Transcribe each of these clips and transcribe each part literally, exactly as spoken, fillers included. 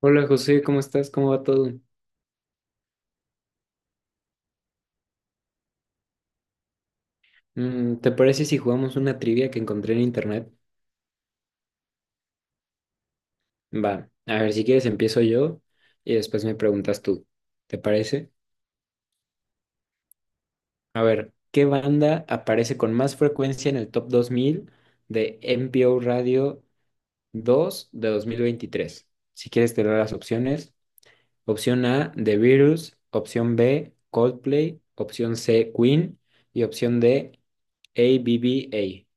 Hola José, ¿cómo estás? ¿Cómo va todo? Mm, ¿te parece si jugamos una trivia que encontré en internet? Va, a ver, si quieres empiezo yo y después me preguntas tú. ¿Te parece? A ver, ¿qué banda aparece con más frecuencia en el top dos mil de N P O Radio dos de dos mil veintitrés? Si quieres te doy las opciones. Opción A, The Virus. Opción B, Coldplay. Opción C, Queen. Y opción D, ABBA.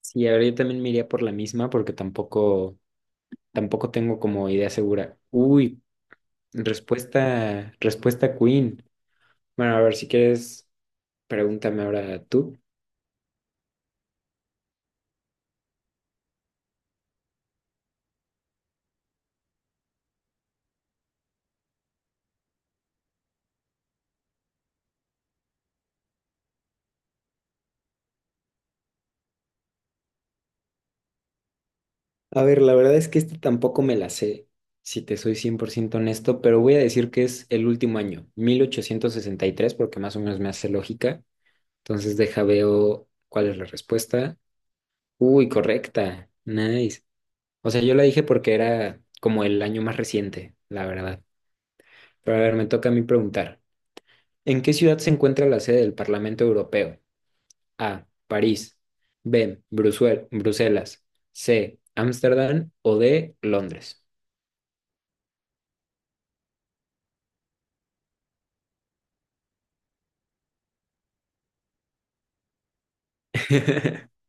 Sí, a ver, yo también me iría por la misma porque tampoco, tampoco tengo como idea segura. Uy, respuesta, respuesta Queen. Bueno, a ver, si quieres, pregúntame ahora tú. A ver, la verdad es que este tampoco me la sé, si te soy cien por ciento honesto, pero voy a decir que es el último año, mil ochocientos sesenta y tres porque más o menos me hace lógica. Entonces deja veo cuál es la respuesta. Uy, correcta. Nice. O sea, yo la dije porque era como el año más reciente, la verdad. Pero a ver, me toca a mí preguntar. ¿En qué ciudad se encuentra la sede del Parlamento Europeo? A. París. B. Brusue- Bruselas. C. Ámsterdam. O D. Londres.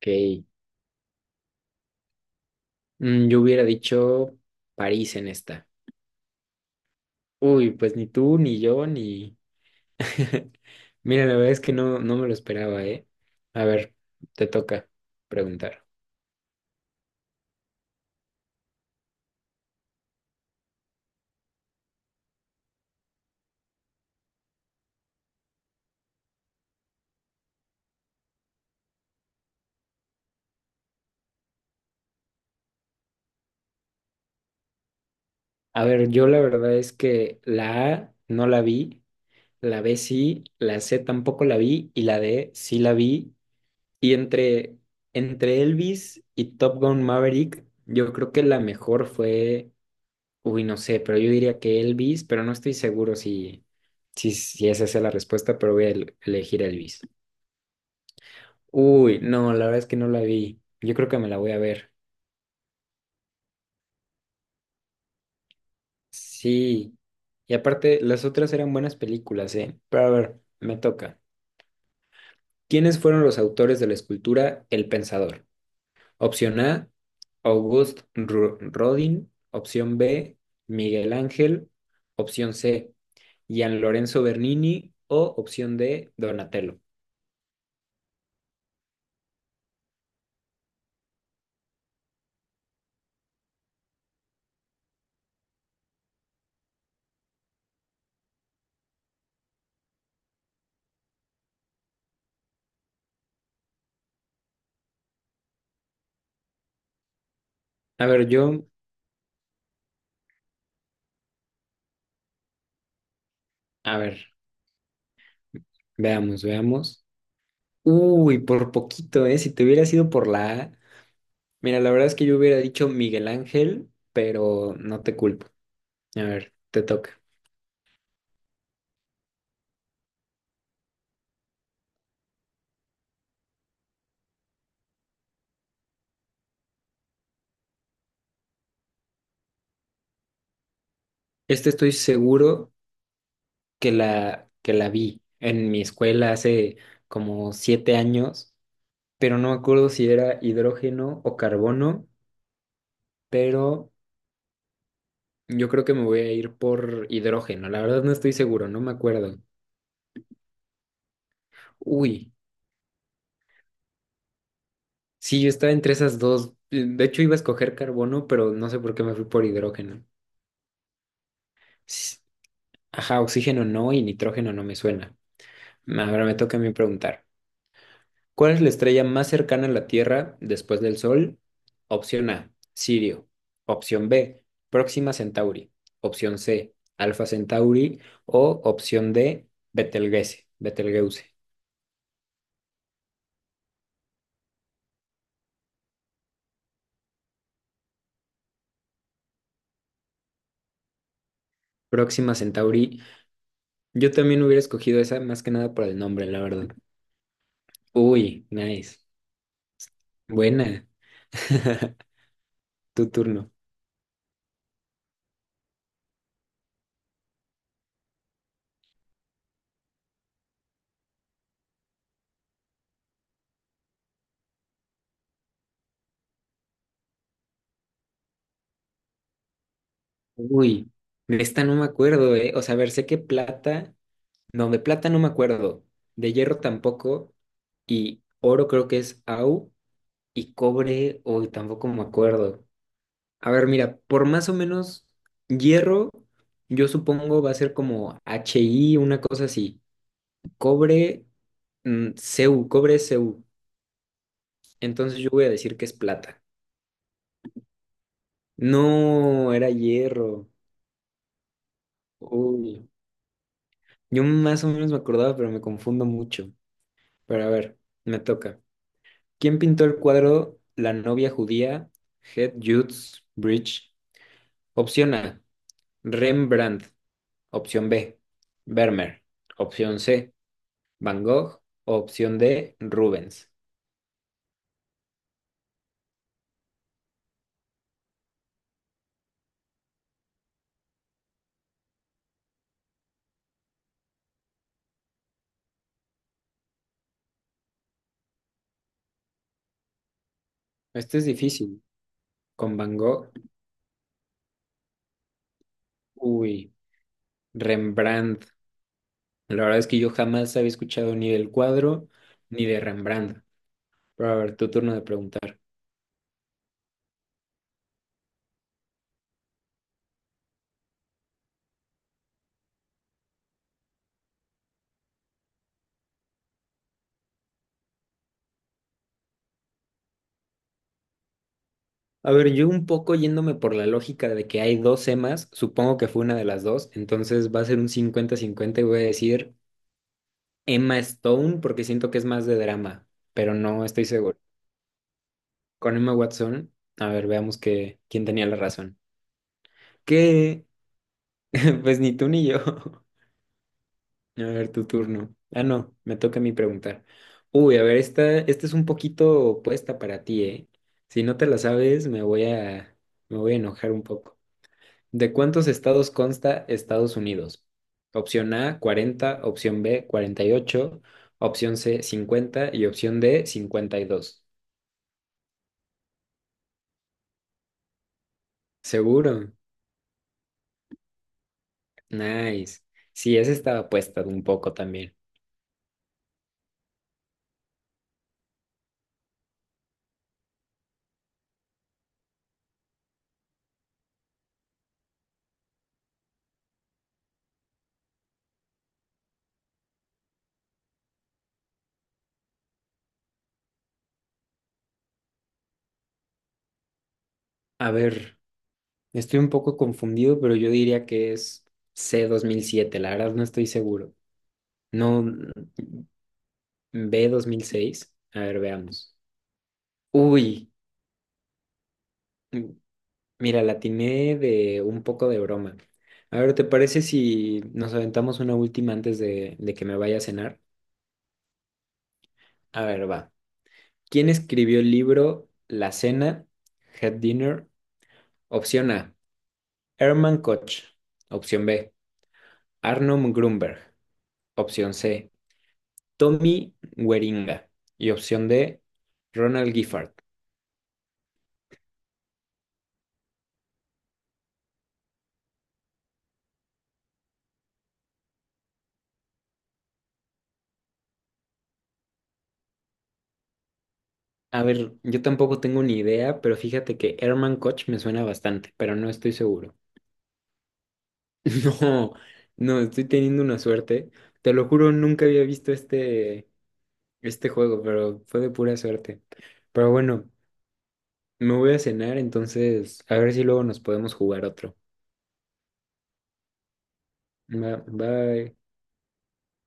Ok. Mm, yo hubiera dicho París en esta. Uy, pues ni tú, ni yo, ni... Mira, la verdad es que no, no me lo esperaba, ¿eh? A ver, te toca preguntar. A ver, yo la verdad es que la A no la vi. La B sí, la C tampoco la vi y la D sí la vi. Y entre, entre Elvis y Top Gun Maverick, yo creo que la mejor fue, uy, no sé, pero yo diría que Elvis, pero no estoy seguro si, si, si esa es la respuesta, pero voy a el- elegir Elvis. Uy, no, la verdad es que no la vi. Yo creo que me la voy a ver. Sí. Y aparte, las otras eran buenas películas, ¿eh? Pero a ver, me toca. ¿Quiénes fueron los autores de la escultura El Pensador? Opción A, August Ru- Rodin. Opción B, Miguel Ángel. Opción C, Gian Lorenzo Bernini. O opción D, Donatello. A ver, yo, a ver, veamos, veamos. Uy, por poquito, ¿eh? Si te hubiera sido por la A. Mira, la verdad es que yo hubiera dicho Miguel Ángel, pero no te culpo. A ver, te toca. Este estoy seguro que la, que la vi en mi escuela hace como siete años, pero no me acuerdo si era hidrógeno o carbono, pero yo creo que me voy a ir por hidrógeno. La verdad no estoy seguro, no me acuerdo. Uy, sí, yo estaba entre esas dos. eh, De hecho, iba a escoger carbono, pero no sé por qué me fui por hidrógeno. S- Ajá, oxígeno no y nitrógeno no me suena. Ahora me toca a mí preguntar. ¿Cuál es la estrella más cercana a la Tierra después del Sol? Opción A, Sirio. Opción B, Próxima Centauri. Opción C, Alfa Centauri. O opción D, Betelgeuse. Betelgeuse. Próxima Centauri. Yo también hubiera escogido esa más que nada por el nombre, la verdad. Uy, nice. Buena. Tu turno. Uy, de esta no me acuerdo, ¿eh? O sea, a ver, sé que plata, no, de plata no me acuerdo, de hierro tampoco, y oro creo que es A U y cobre, hoy tampoco me acuerdo. A ver, mira, por más o menos hierro, yo supongo va a ser como H I, una cosa así. Cobre, mm, C U, cobre es C U. Entonces yo voy a decir que es plata. No, era hierro. Uy, yo más o menos me acordaba, pero me confundo mucho. Pero a ver, me toca. ¿Quién pintó el cuadro La novia judía? Head Jude's Bridge. Opción A. Rembrandt, opción B. Vermeer, opción C. Van Gogh, opción D. Rubens. Este es difícil. Con Van Gogh, uy, Rembrandt. La verdad es que yo jamás había escuchado ni del cuadro ni de Rembrandt. Pero a ver, tu turno de preguntar. A ver, yo un poco yéndome por la lógica de que hay dos Emas, supongo que fue una de las dos, entonces va a ser un cincuenta-cincuenta y voy a decir Emma Stone porque siento que es más de drama, pero no estoy seguro. Con Emma Watson, a ver, veamos que, quién tenía la razón. Que, pues ni tú ni yo. A ver, tu turno. Ah, no, me toca a mí preguntar. Uy, a ver, esta, esta es un poquito opuesta para ti, ¿eh? Si no te la sabes, me voy a, me voy a enojar un poco. ¿De cuántos estados consta Estados Unidos? Opción A, cuarenta. Opción B, cuarenta y ocho. Opción C, cincuenta. Y opción D, cincuenta y dos. ¿Seguro? Nice. Sí, esa estaba puesta un poco también. A ver, estoy un poco confundido, pero yo diría que es c dos mil siete. La verdad no estoy seguro. No, mm, B dos mil seis. A ver, veamos. Uy, mm, Mira, la atiné de un poco de broma. A ver, ¿te parece si nos aventamos una última antes de, de que me vaya a cenar? A ver, va. ¿Quién escribió el libro La Cena, Head Dinner? Opción A, Herman Koch. Opción B, Arnold Grunberg. Opción C, Tommy Gueringa y opción D, Ronald Giffard. A ver, yo tampoco tengo ni idea, pero fíjate que Herman Koch me suena bastante, pero no estoy seguro. No, no, estoy teniendo una suerte. Te lo juro, nunca había visto este, este juego, pero fue de pura suerte. Pero bueno, me voy a cenar, entonces a ver si luego nos podemos jugar otro. Ba- Bye.